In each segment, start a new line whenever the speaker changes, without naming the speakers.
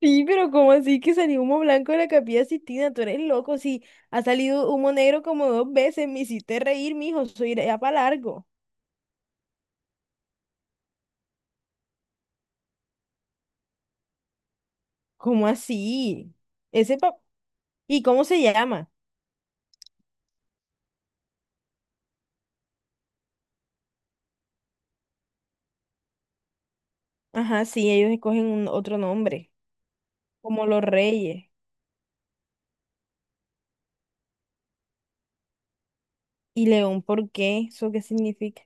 Sí, pero ¿cómo así que salió humo blanco de la Capilla Sistina? Tú eres loco, sí. Ha salido humo negro como dos veces. Me hiciste reír, mijo. Soy ya para largo. ¿Cómo así? Ese pa- ¿Y cómo se llama? Ajá, sí, ellos escogen un otro nombre, como los reyes. ¿Y León por qué? ¿Eso qué significa?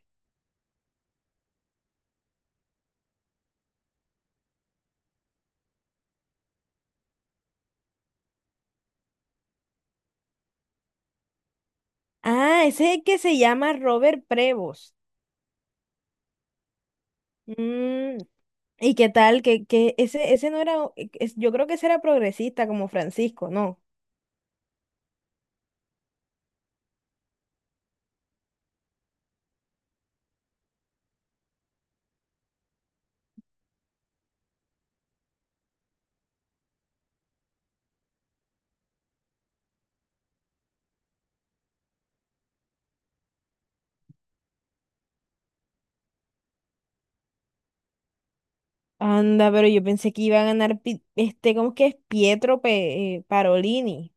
Ah, ese es el que se llama Robert Prevost. Mm, ¿y qué tal? Que ese, ese no era, e, es- yo creo que ese era progresista como Francisco, ¿no? Anda, pero yo pensé que iba a ganar ¿cómo es que es? Parolini,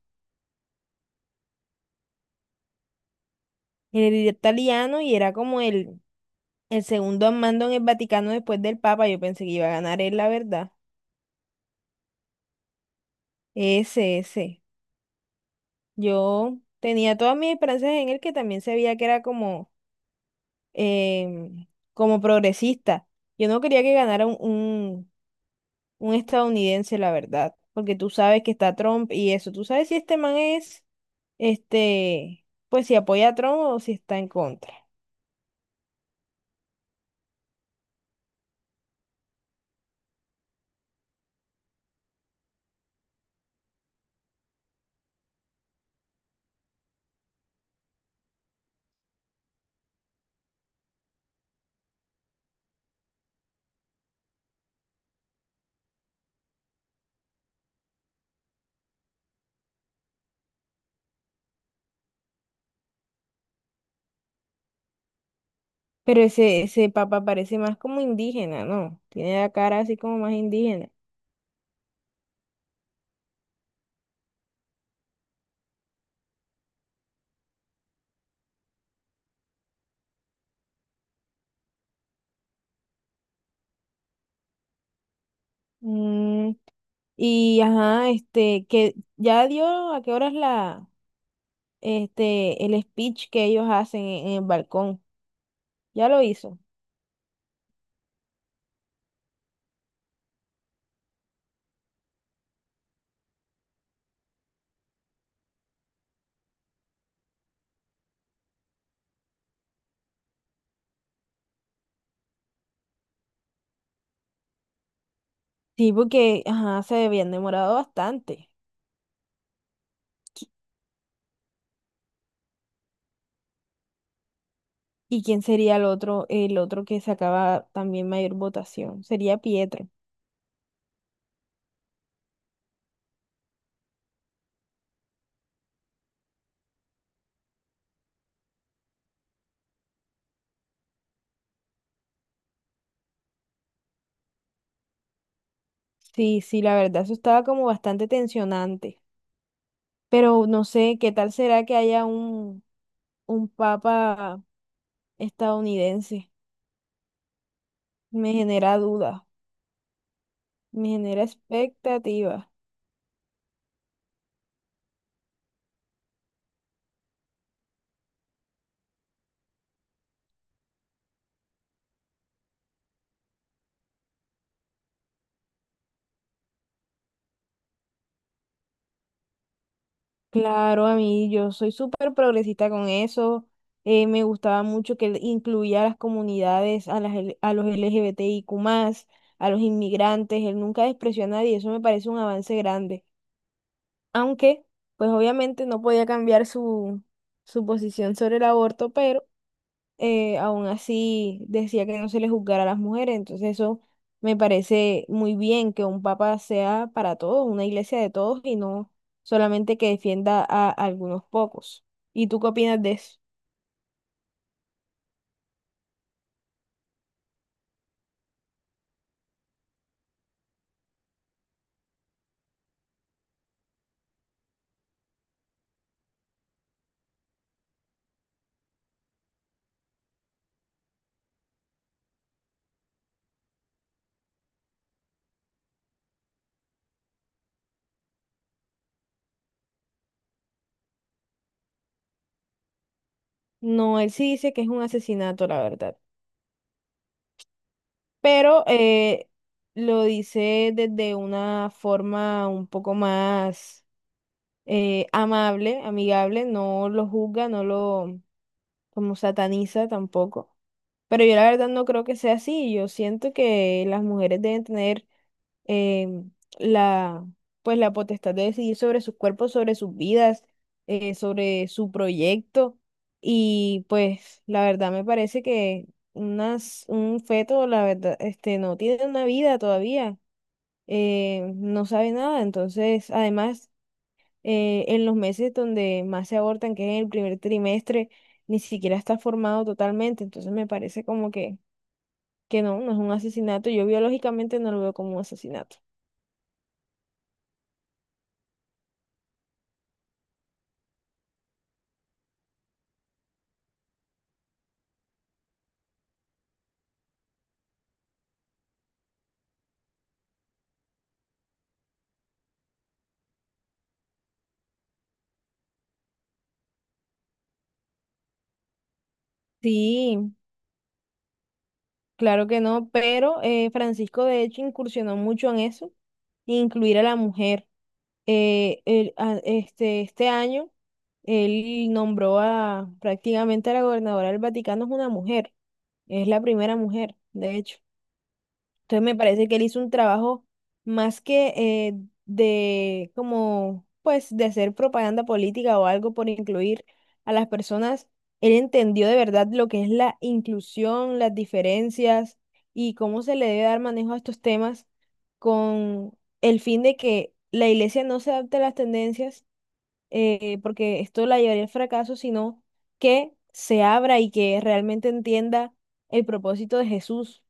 el italiano, y era como el segundo al mando en el Vaticano después del Papa. Yo pensé que iba a ganar él, la verdad. Ese, ese. Yo tenía todas mis esperanzas en él, que también se veía que era como, em, como progresista. Yo no quería que ganara un un estadounidense, la verdad, porque tú sabes que está Trump y eso, tú sabes si este man es, pues si apoya a Trump o si está en contra. Pero ese papa parece más como indígena, ¿no? Tiene la cara así como más indígena. Mm, y ajá, este, que ya dio a qué horas el speech que ellos hacen en el balcón. Ya lo hizo. Sí, porque, ajá, se habían demorado bastante. ¿Y quién sería el otro que sacaba también mayor votación? Sería Pietro. Sí, sí, la verdad, eso estaba como bastante tensionante. Pero no sé, ¿qué tal será que haya un papa estadounidense? Me genera duda, me genera expectativa. Claro, a mí yo soy súper progresista con eso. Eh, me gustaba mucho que él incluía a las comunidades, a los LGBTIQ+, a los inmigrantes. Él nunca despreció a nadie. Eso me parece un avance grande. Aunque pues obviamente no podía cambiar su posición sobre el aborto, pero aún así decía que no se le juzgara a las mujeres, entonces eso me parece muy bien que un papa sea para todos, una iglesia de todos y no solamente que defienda a algunos pocos. ¿Y tú qué opinas de eso? No, él sí dice que es un asesinato, la verdad, pero lo dice desde una forma un poco más amable, amigable, no lo juzga, no lo como sataniza tampoco. Pero yo la verdad no creo que sea así. Yo siento que las mujeres deben tener em, la, pues la potestad de decidir sobre sus cuerpos, sobre sus vidas, sobre su proyecto. Y pues la verdad me parece que un feto, la verdad, este, no tiene una vida todavía. Eh, no sabe nada, entonces, además en los meses donde más se abortan, que es en el primer trimestre, ni siquiera está formado totalmente. Entonces me parece como que no, no es un asesinato. Yo biológicamente no lo veo como un asesinato. Sí, claro que no, pero Francisco de hecho incursionó mucho en eso, incluir a la mujer. Este año él nombró a prácticamente a la gobernadora del Vaticano es una mujer, es la primera mujer, de hecho. Entonces me parece que él hizo un trabajo más que de como pues de hacer propaganda política o algo por incluir a las personas. Él entendió de verdad lo que es la inclusión, las diferencias y cómo se le debe dar manejo a estos temas con el fin de que la iglesia no se adapte a las tendencias, porque esto la llevaría al fracaso, sino que se abra y que realmente entienda el propósito de Jesús.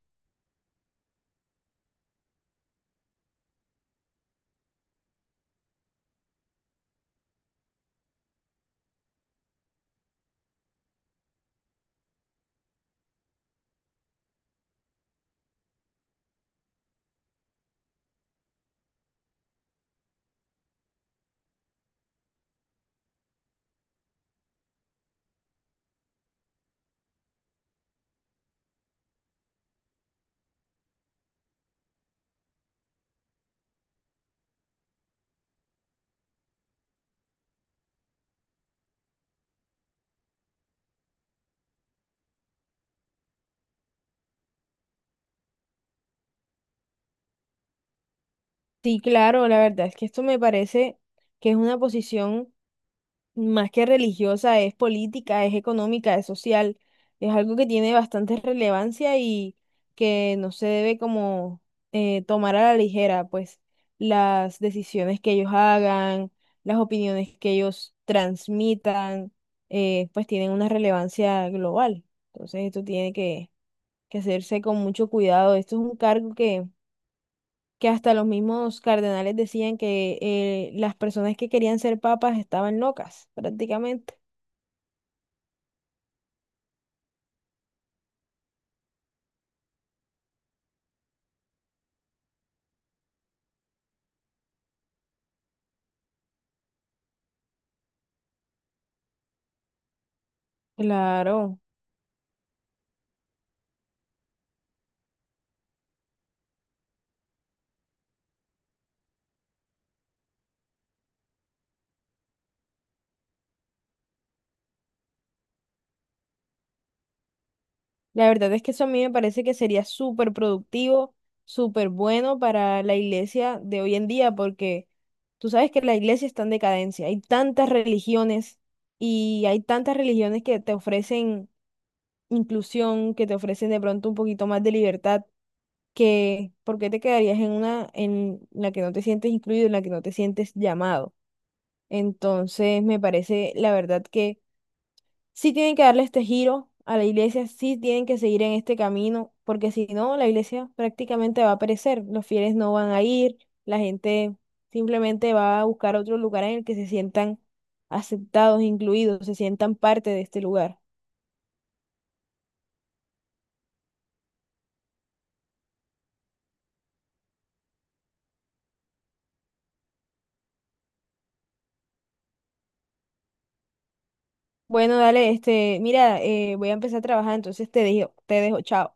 Sí, claro, la verdad es que esto me parece que es una posición más que religiosa, es política, es económica, es social, es algo que tiene bastante relevancia y que no se debe como tomar a la ligera, pues las decisiones que ellos hagan, las opiniones que ellos transmitan, pues tienen una relevancia global. Entonces esto tiene que hacerse con mucho cuidado. Esto es un cargo que hasta los mismos cardenales decían que las personas que querían ser papas estaban locas, prácticamente. Claro, la verdad es que eso a mí me parece que sería súper productivo, súper bueno para la iglesia de hoy en día, porque tú sabes que la iglesia está en decadencia, hay tantas religiones y hay tantas religiones que te ofrecen inclusión, que te ofrecen de pronto un poquito más de libertad, que ¿por qué te quedarías en una en la que no te sientes incluido, en la que no te sientes llamado? Entonces, me parece, la verdad, que sí tienen que darle este giro a la iglesia, sí tienen que seguir en este camino, porque si no, la iglesia prácticamente va a perecer, los fieles no van a ir, la gente simplemente va a buscar otro lugar en el que se sientan aceptados, incluidos, se sientan parte de este lugar. Bueno, dale, este, mira, voy a empezar a trabajar, entonces te dejo, chao.